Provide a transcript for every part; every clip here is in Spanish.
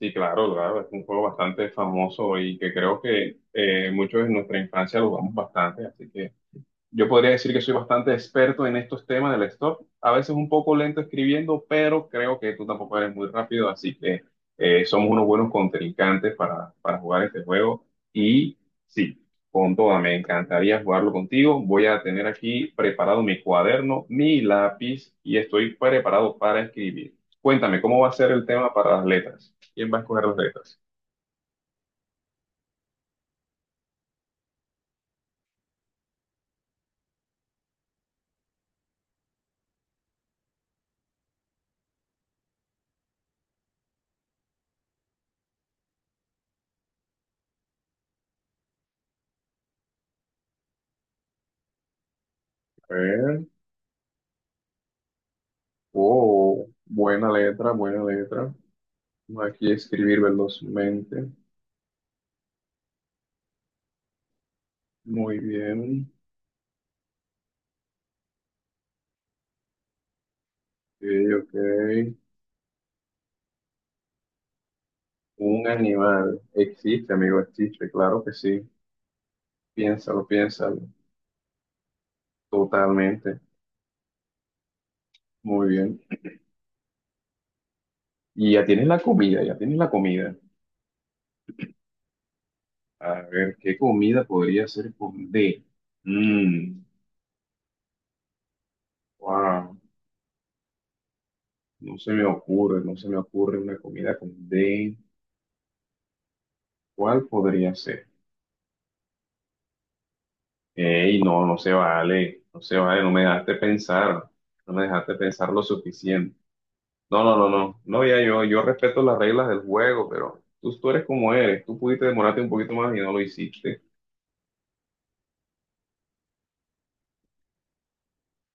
Sí, claro, claro, es un juego bastante famoso y que creo que muchos de nuestra infancia lo jugamos bastante, así que yo podría decir que soy bastante experto en estos temas del stock, a veces un poco lento escribiendo, pero creo que tú tampoco eres muy rápido, así que somos unos buenos contrincantes para jugar este juego. Y sí, con toda, me encantaría jugarlo contigo. Voy a tener aquí preparado mi cuaderno, mi lápiz y estoy preparado para escribir. Cuéntame, ¿cómo va a ser el tema para las letras? ¿Quién va a escoger las letras? A ver. Oh, buena letra, buena letra. Aquí escribir velozmente. Muy bien. Sí, ok. Un animal. Existe, amigo, existe. Claro que sí. Piénsalo, piénsalo. Totalmente. Muy bien. Y ya tienes la comida, ya tienes la comida. A ver, ¿qué comida podría ser con D? Mm, wow. No se me ocurre, no se me ocurre una comida con D. ¿Cuál podría ser? Ey, no, no se vale. No se vale, no me dejaste pensar. No me dejaste pensar lo suficiente. No, no, no, no. No, ya yo respeto las reglas del juego, pero tú eres como eres. Tú pudiste demorarte un poquito más y no lo hiciste.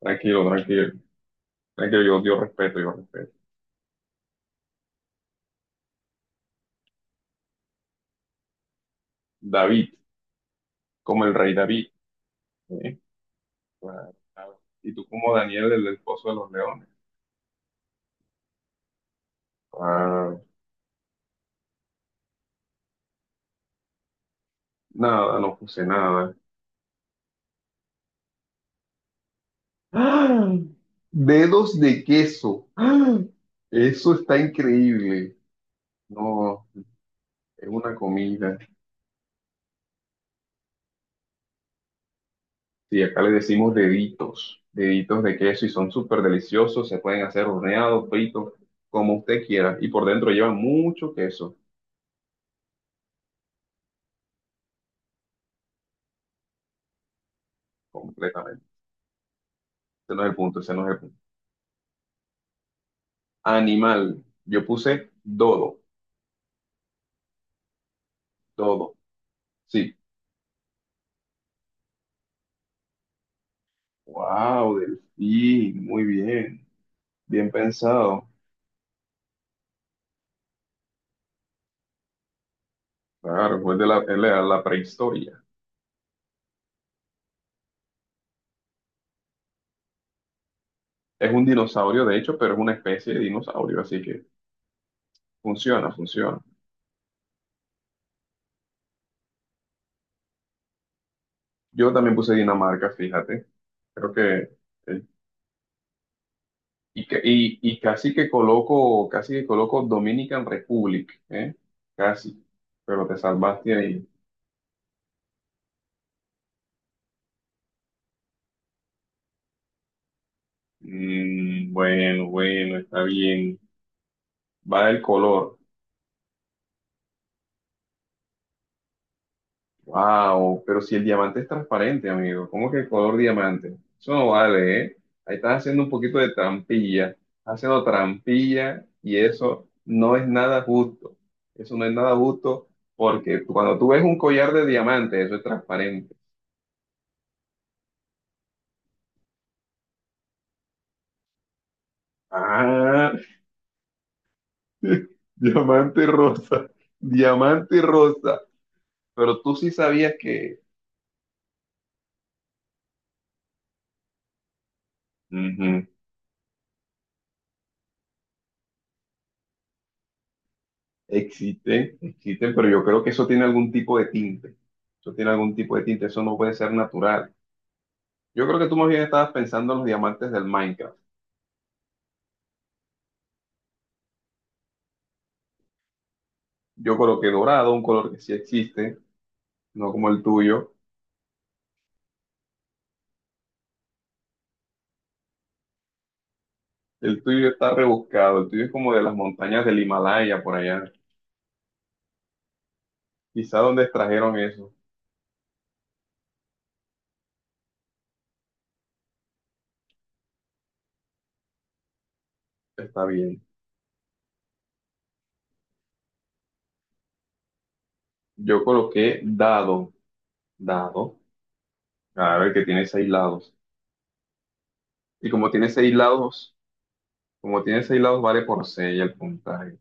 Tranquilo, tranquilo. Tranquilo, yo respeto, yo respeto. David, como el rey David. ¿Eh? Claro, claro. Y tú como Daniel, el del Pozo de los Leones. Claro. Nada, no puse nada. ¡Ah! Dedos de queso. ¡Ah! Eso está increíble. No, es una comida. Sí, acá le decimos deditos, deditos de queso y son súper deliciosos, se pueden hacer horneados, fritos, como usted quiera. Y por dentro llevan mucho queso, completamente. Ese no es el punto, ese no es el punto. Animal, yo puse dodo, dodo, sí. Wow, delfín, muy bien, bien pensado. Claro, es la prehistoria. Es un dinosaurio, de hecho, pero es una especie de dinosaurio, así que funciona, funciona. Yo también puse Dinamarca, fíjate. Creo que. Eh, y casi que coloco Dominican Republic, ¿eh? Casi, pero te salvaste ahí. Mm, bueno, bueno, está bien. Va el color. Wow, pero si el diamante es transparente, amigo, ¿cómo que el color diamante? Eso no vale, ¿eh? Ahí estás haciendo un poquito de trampilla, haciendo trampilla y eso no es nada justo. Eso no es nada justo porque cuando tú ves un collar de diamante, eso es transparente. Ah, Diamante rosa, diamante rosa. Pero tú sí sabías que ujú, existen, existen, pero yo creo que eso tiene algún tipo de tinte. Eso tiene algún tipo de tinte, eso no puede ser natural. Yo creo que tú más bien estabas pensando en los diamantes del Minecraft. Yo coloqué dorado, un color que sí existe, no como el tuyo. El tuyo está rebuscado, el tuyo es como de las montañas del Himalaya por allá. Quizá donde extrajeron eso. Está bien. Yo coloqué dado, dado. A ver que tiene seis lados. Y como tiene seis lados, como tiene seis lados, vale por seis el puntaje.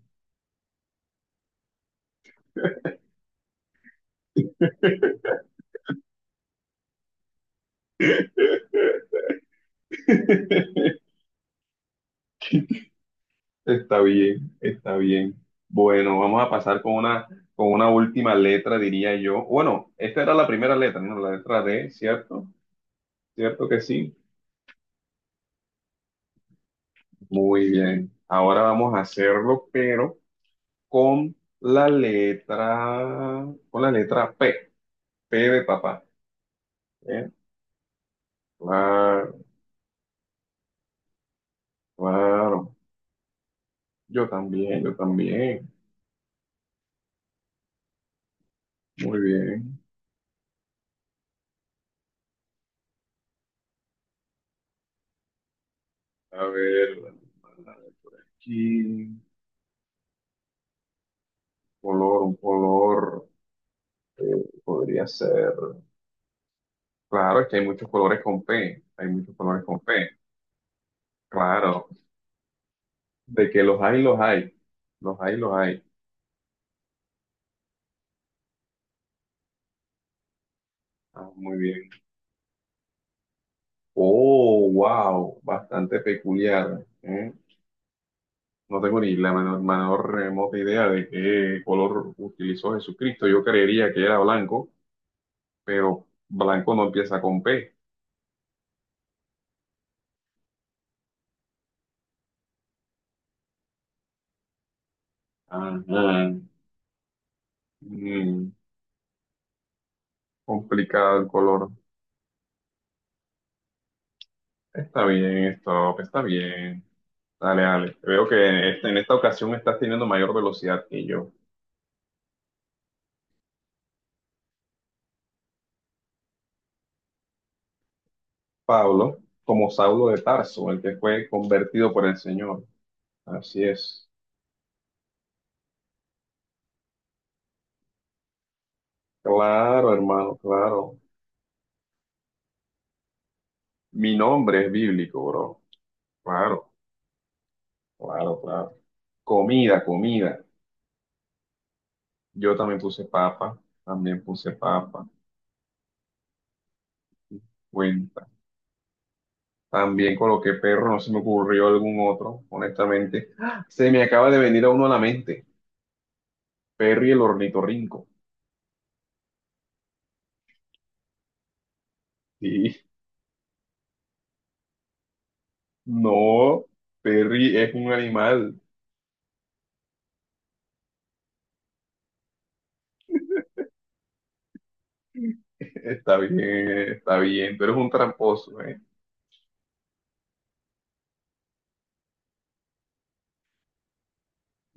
Está bien, está bien. Bueno, vamos a pasar con una última letra, diría yo. Bueno, esta era la primera letra, ¿no? La letra D, ¿cierto? ¿Cierto que sí? Muy bien. Ahora vamos a hacerlo, pero con la letra P, P de papá. ¿Eh? Claro, claro. Yo también, yo también. Muy bien. A ver. Y color, un color podría ser. Claro, es que hay muchos colores con P. Hay muchos colores con P. Claro, de que los hay, los hay. Los hay, los hay. Ah, muy bien. Oh, wow, bastante peculiar. ¿Eh? No tengo ni la menor remota idea de qué color utilizó Jesucristo. Yo creería que era blanco, pero blanco no empieza con P. Ajá. Mm, complicado el color. Está bien, stop, está bien. Dale, dale. Veo que en esta ocasión estás teniendo mayor velocidad que yo. Pablo, como Saulo de Tarso, el que fue convertido por el Señor. Así es. Claro, hermano, claro. Mi nombre es bíblico, bro. Claro, claro, claro. Comida, comida. Yo también puse papa, también puse papa. Cuenta. También coloqué perro, no se me ocurrió algún otro, honestamente. ¡Ah! Se me acaba de venir a uno a la mente. Perry el ornitorrinco. Sí, no, Perry es un animal. Está bien, pero es un tramposo, ¿eh?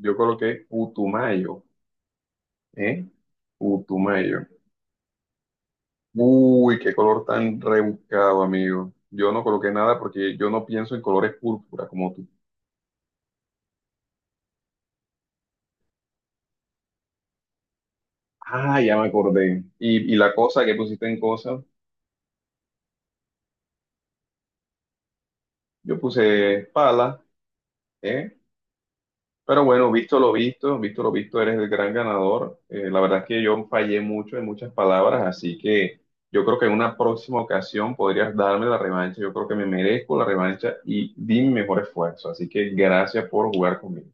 Yo coloqué Putumayo, ¿eh? Putumayo. Uy, qué color tan rebuscado, amigo. Yo no coloqué nada porque yo no pienso en colores púrpura como tú. Ah, ya me acordé. Y la cosa que pusiste en cosa, yo puse pala, ¿eh? Pero bueno, visto lo visto, eres el gran ganador. La verdad es que yo fallé mucho en muchas palabras, así que yo creo que en una próxima ocasión podrías darme la revancha. Yo creo que me merezco la revancha y di mi mejor esfuerzo. Así que gracias por jugar conmigo.